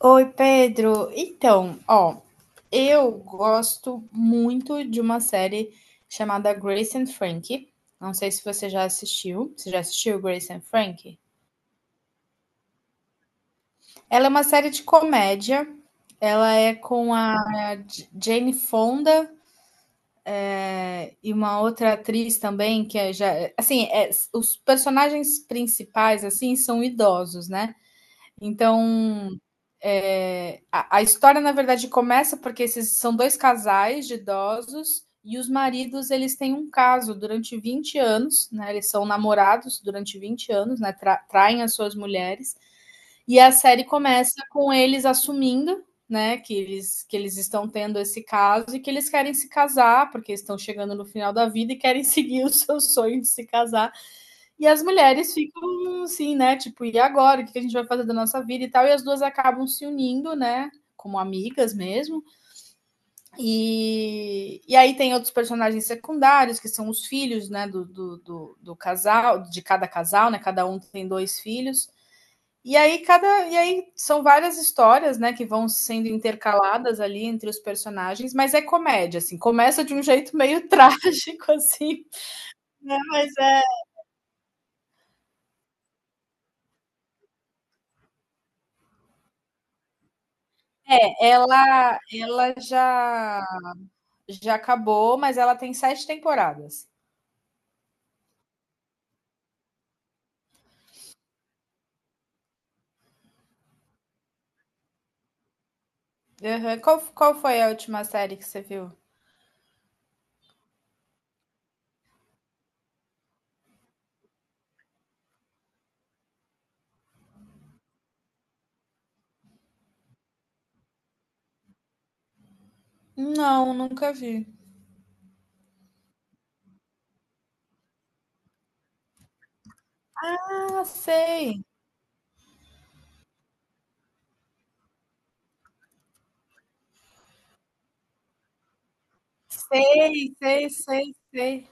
Oi, Pedro. Então, ó, eu gosto muito de uma série chamada Grace and Frankie. Não sei se você já assistiu. Você já assistiu Grace and Frankie? Ela é uma série de comédia. Ela é com a Jane Fonda e uma outra atriz também que é já, assim, os personagens principais assim são idosos, né? Então é, a história, na verdade, começa porque esses são dois casais de idosos e os maridos eles têm um caso durante 20 anos, né? Eles são namorados durante 20 anos, né? Traem as suas mulheres. E a série começa com eles assumindo, né, que eles estão tendo esse caso e que eles querem se casar, porque estão chegando no final da vida e querem seguir o seu sonho de se casar. E as mulheres ficam assim, né? Tipo, e agora? O que a gente vai fazer da nossa vida e tal? E as duas acabam se unindo, né? Como amigas mesmo. E aí tem outros personagens secundários, que são os filhos, né? Do casal, de cada casal, né? Cada um tem dois filhos. E aí são várias histórias, né, que vão sendo intercaladas ali entre os personagens, mas é comédia assim, começa de um jeito meio trágico assim, né, mas é, é ela ela já Já acabou, mas ela tem sete temporadas. Uhum. Qual foi a última série que você viu? Não, nunca vi. Ah, sei. Sei, sei, sei, sei.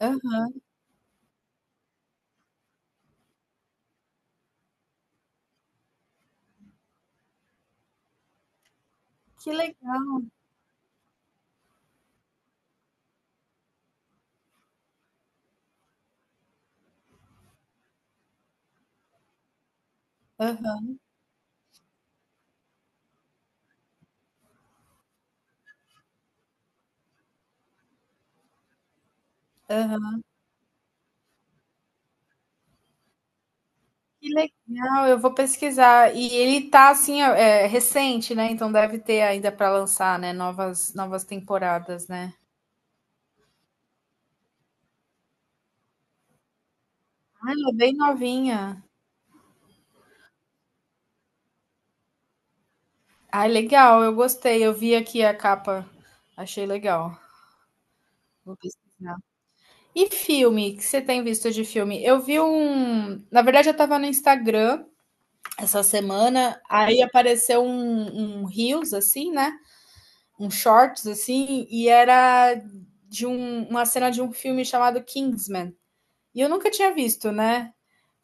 Aham. Que legal. Aham, aham. Que legal. Eu vou pesquisar. E ele tá assim, é recente, né? Então deve ter ainda para lançar, né? Novas temporadas, né? Ah, ela é bem novinha. Ah, legal. Eu gostei. Eu vi aqui a capa. Achei legal. Vou pesquisar. E filme? O que você tem visto de filme? Eu vi um. Na verdade, eu tava no Instagram essa semana, aí apareceu um Reels, assim, né? Um Shorts, assim, e era uma cena de um filme chamado Kingsman. E eu nunca tinha visto, né?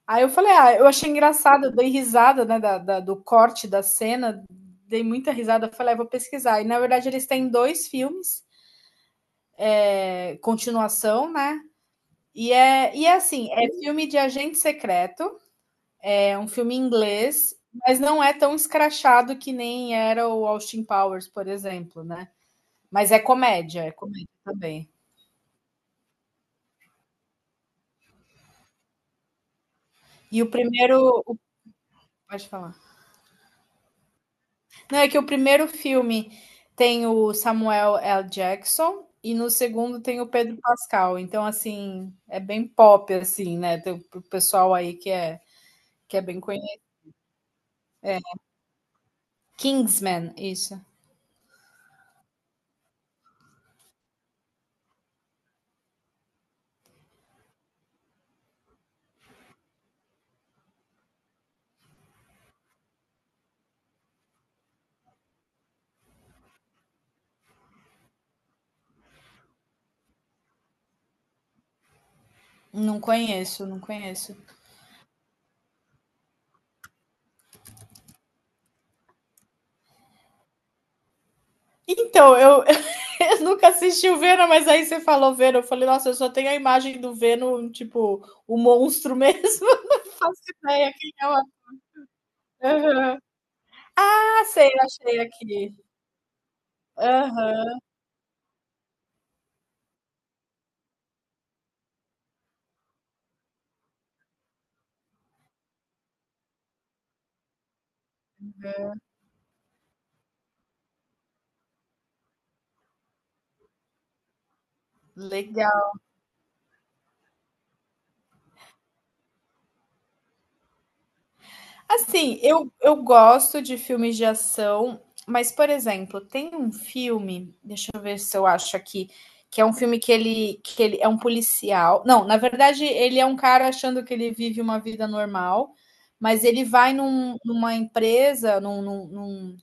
Aí eu falei, ah, eu achei engraçado, eu dei risada, né, do corte da cena, dei muita risada, eu falei, ah, vou pesquisar. E na verdade eles têm dois filmes, é, continuação, né? E é, assim, é filme de agente secreto. É um filme inglês, mas não é tão escrachado que nem era o Austin Powers, por exemplo, né? Mas é comédia também. E o primeiro. Pode falar. Não, é que o primeiro filme tem o Samuel L. Jackson e no segundo tem o Pedro Pascal. Então, assim, é bem pop, assim, né? Tem o pessoal aí que é bem conhecido. Kingsman, isso. Não conheço, não conheço. Então, Eu nunca assisti o Venom, mas aí você falou Venom. Eu falei, nossa, eu só tenho a imagem do Venom, tipo, o monstro mesmo. Não faço ideia quem é o. Aham. Ah, sei, achei aqui. Aham. Legal. Assim, eu gosto de filmes de ação, mas, por exemplo, tem um filme, deixa eu ver se eu acho aqui, que é um filme que ele é um policial. Não, na verdade, ele é um cara achando que ele vive uma vida normal, mas ele vai numa empresa, num, num, num-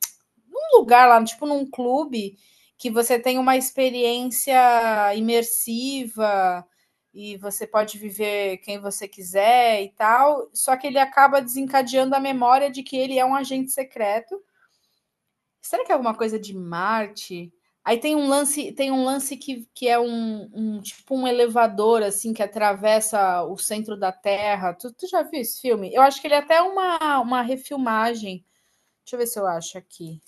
num lugar lá, tipo num clube, que você tem uma experiência imersiva e você pode viver quem você quiser e tal. Só que ele acaba desencadeando a memória de que ele é um agente secreto. Será que é alguma coisa de Marte? Aí tem um lance que é um tipo um elevador assim que atravessa o centro da Terra. Tu já viu esse filme? Eu acho que ele é até uma refilmagem. Deixa eu ver se eu acho aqui.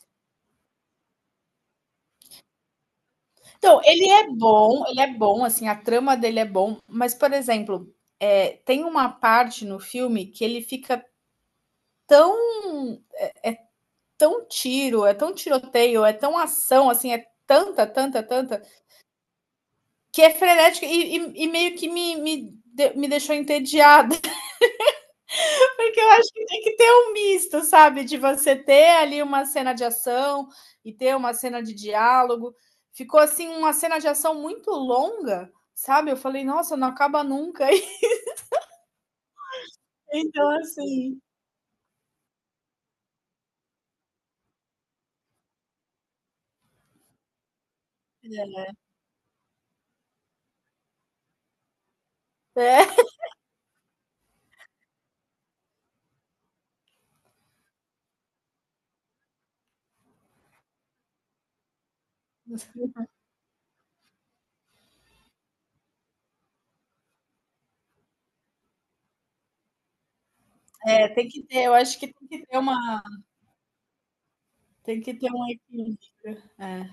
Então, ele é bom, assim, a trama dele é bom, mas, por exemplo, é, tem uma parte no filme que ele fica tão, tão tiro, é tão tiroteio, é tão ação, assim, é tanta, tanta, tanta, que é frenética e meio que me deixou entediada, porque eu acho que tem que ter um misto, sabe? De você ter ali uma cena de ação e ter uma cena de diálogo. Ficou, assim, uma cena de ação muito longa, sabe? Eu falei, nossa, não acaba nunca. Então, assim, é. É, tem que ter, eu acho que tem que ter um equilíbrio. É.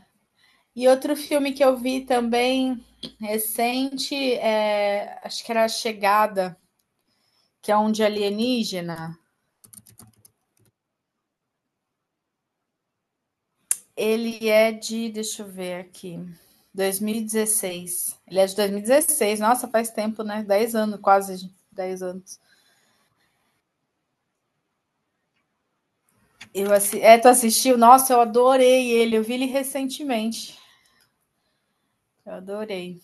E outro filme que eu vi também recente, é, acho que era A Chegada, que é um de alienígena. Ele é de, deixa eu ver aqui, 2016. Ele é de 2016, nossa, faz tempo, né? 10 anos, quase 10 anos. É, tu assistiu? Nossa, eu adorei ele, eu vi ele recentemente. Eu adorei.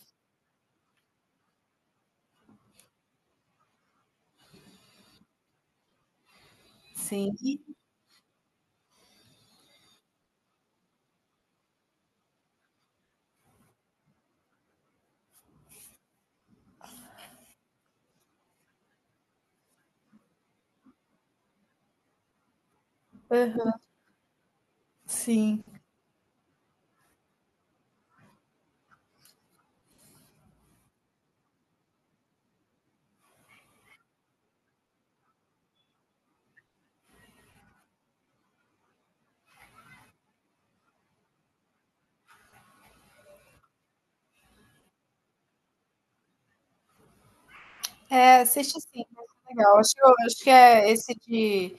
Sim, aham, sim. É, assiste sim, vai ser legal. Acho eu acho que é esse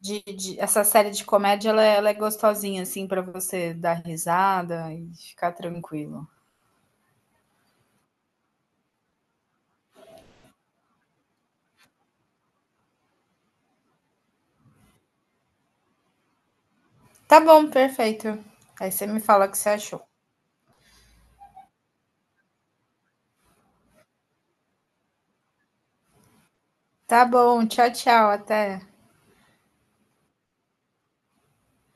de essa série de comédia, ela é gostosinha, assim, pra você dar risada e ficar tranquilo. Tá bom, perfeito. Aí você me fala o que você achou. Tá bom, tchau, tchau, até.